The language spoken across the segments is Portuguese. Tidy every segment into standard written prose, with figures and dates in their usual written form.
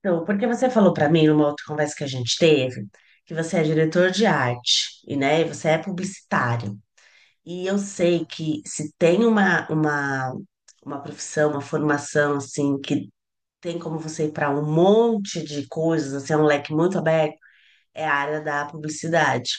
Então, porque você falou para mim numa outra conversa que a gente teve, que você é diretor de arte e, né, e você é publicitário. E eu sei que se tem uma profissão, uma formação assim que tem como você ir para um monte de coisas, assim, é um leque muito aberto, é a área da publicidade.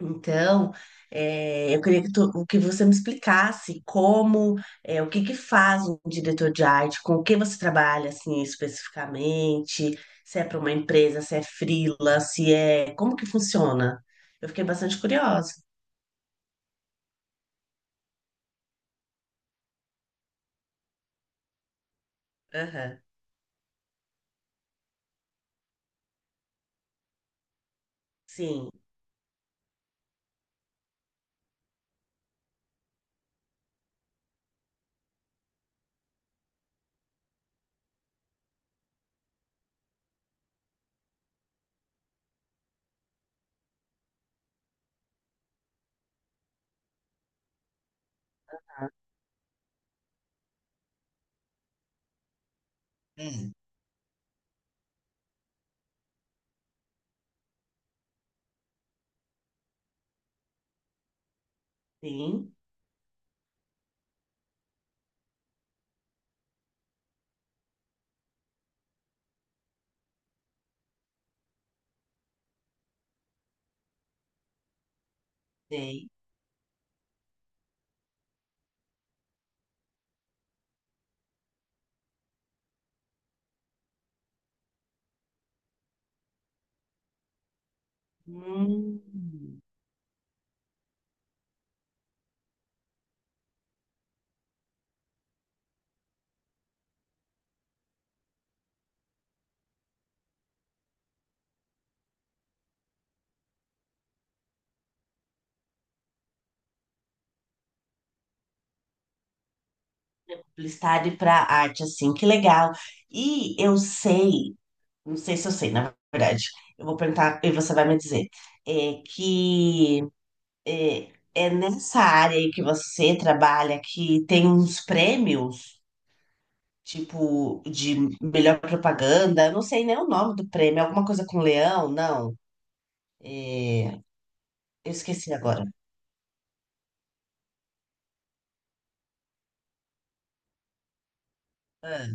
Então, eu queria que você me explicasse como, o que que faz um diretor de arte, com o que você trabalha, assim, especificamente, se é para uma empresa, se é freela, se é... Como que funciona? Eu fiquei bastante curiosa. Aham. Sim. Hum. Sim. Sei. Hum, publicidade para arte, assim, que legal. E eu sei, não sei se eu sei, na verdade, eu vou perguntar e você vai me dizer, é que... É, é nessa área aí que você trabalha que tem uns prêmios, tipo, de melhor propaganda. Eu não sei nem o nome do prêmio, é alguma coisa com leão, não. É, eu esqueci agora. Ah,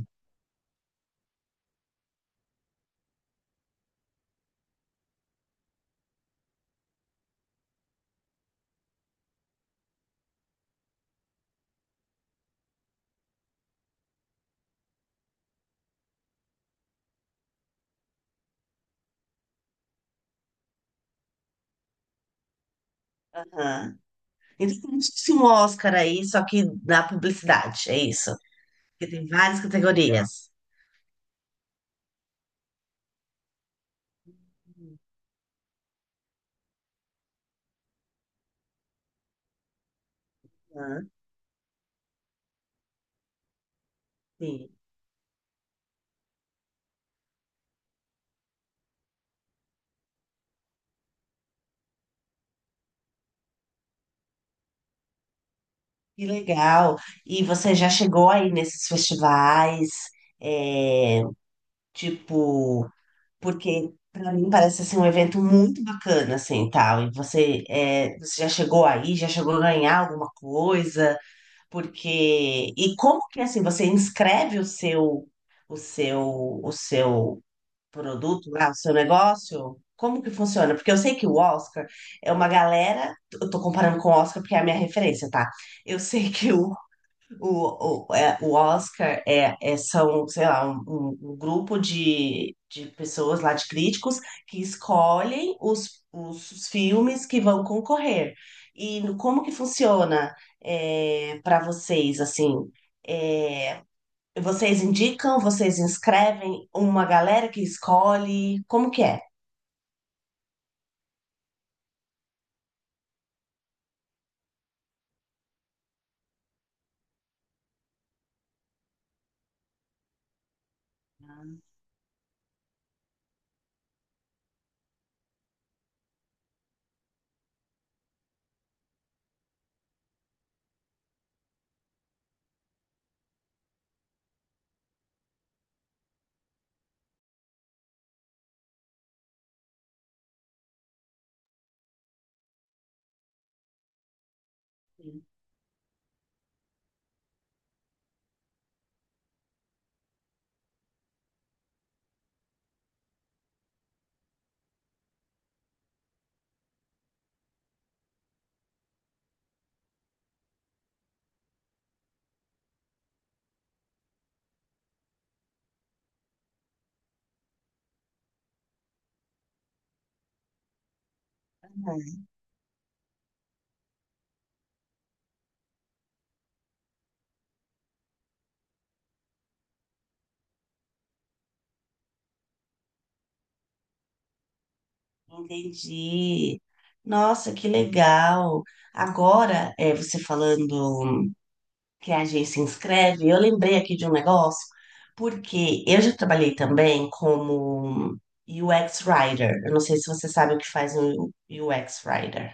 aham. Então, como se fosse um Oscar aí, só que na publicidade, é isso. Porque tem várias categorias. Aham, sim. Que legal. E você já chegou aí nesses festivais, é, tipo. Porque para mim parece assim, um evento muito bacana, assim, tal. E você, é, você já chegou aí, já chegou a ganhar alguma coisa, porque e como que assim você inscreve o seu, o seu produto lá, o seu negócio? Como que funciona? Porque eu sei que o Oscar é uma galera. Eu tô comparando com o Oscar porque é a minha referência, tá? Eu sei que é, o Oscar são, sei lá, um grupo de pessoas lá, de críticos, que escolhem os filmes que vão concorrer. E no- como que funciona para vocês, assim? É, vocês indicam, vocês inscrevem uma galera que escolhe? Como que é? Uhum. Entendi. Nossa, que legal. Agora, é, você falando. Que a G se inscreve, eu lembrei aqui de um negócio, porque eu já trabalhei também como UX Writer. Eu não sei se você sabe o que faz um UX Writer.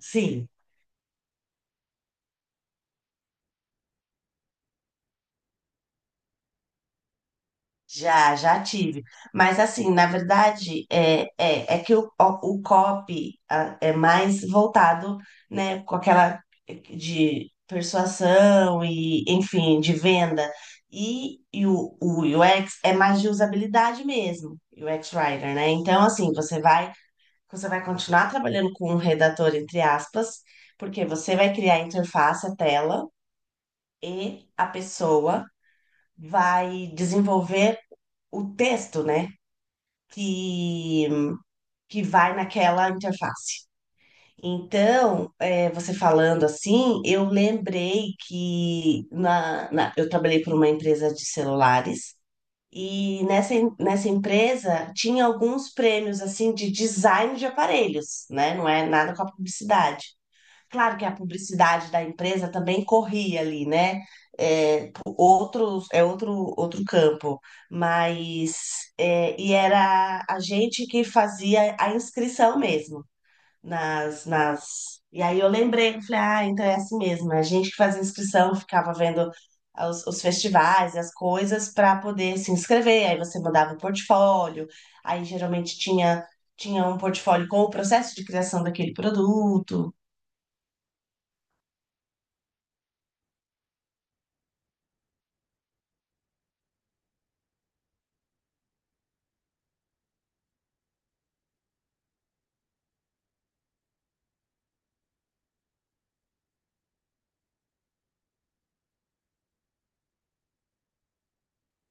Sim. Já, já tive. Mas assim, na verdade, é que o copy é mais voltado, né, com aquela é, de persuasão e, enfim, de venda. E o UX é mais de usabilidade mesmo, UX Writer, né? Então, assim, você vai continuar trabalhando com um redator, entre aspas, porque você vai criar a interface, a tela, e a pessoa vai desenvolver o texto, né? que, que vai naquela interface. Então, é, você falando assim, eu lembrei que eu trabalhei por uma empresa de celulares e nessa empresa tinha alguns prêmios assim de design de aparelhos, né? Não é nada com a publicidade. Claro que a publicidade da empresa também corria ali, né? É, pro- outros, é outro campo, mas é, e era a gente que fazia a inscrição mesmo nas, nas... E aí eu lembrei, eu falei, ah, então é assim mesmo, é a gente que fazia inscrição, ficava vendo os festivais, as coisas para poder se inscrever, aí você mandava o portfólio, aí geralmente tinha um portfólio com o processo de criação daquele produto.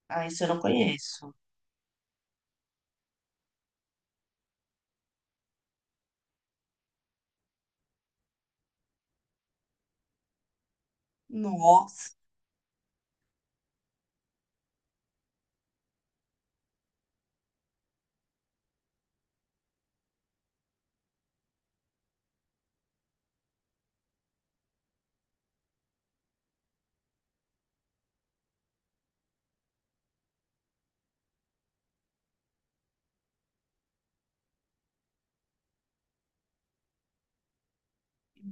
Ah, isso eu não conheço. Nossa,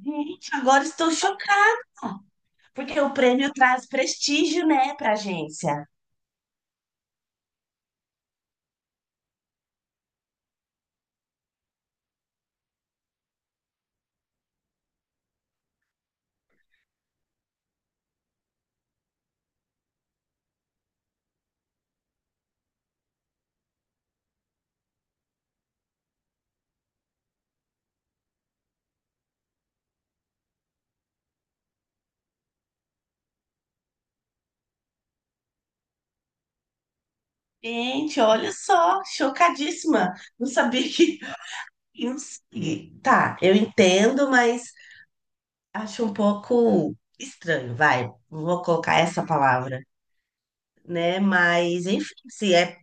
gente, agora estou chocada. Porque o prêmio traz prestígio, né, para a agência. Gente, olha só, chocadíssima. Não sabia que. Eu não sei. Tá, eu entendo, mas acho um pouco estranho, vai. Vou colocar essa palavra, né? Mas, enfim, se é,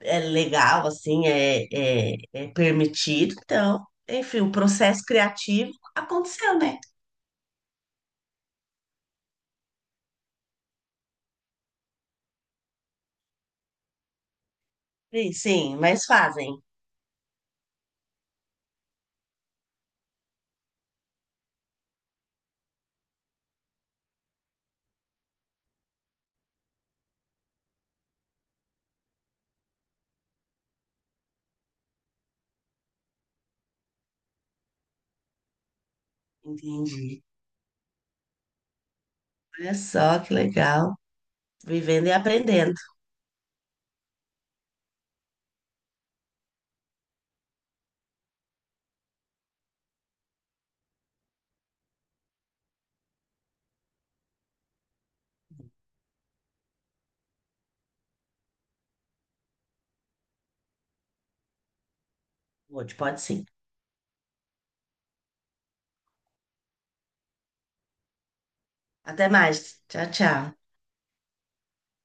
é legal, assim, é permitido, então, enfim, o processo criativo aconteceu, né? Sim, sim, mas fazem. Entendi. Olha só que legal. Vivendo e aprendendo. Pode, pode sim. Até mais. Tchau, tchau.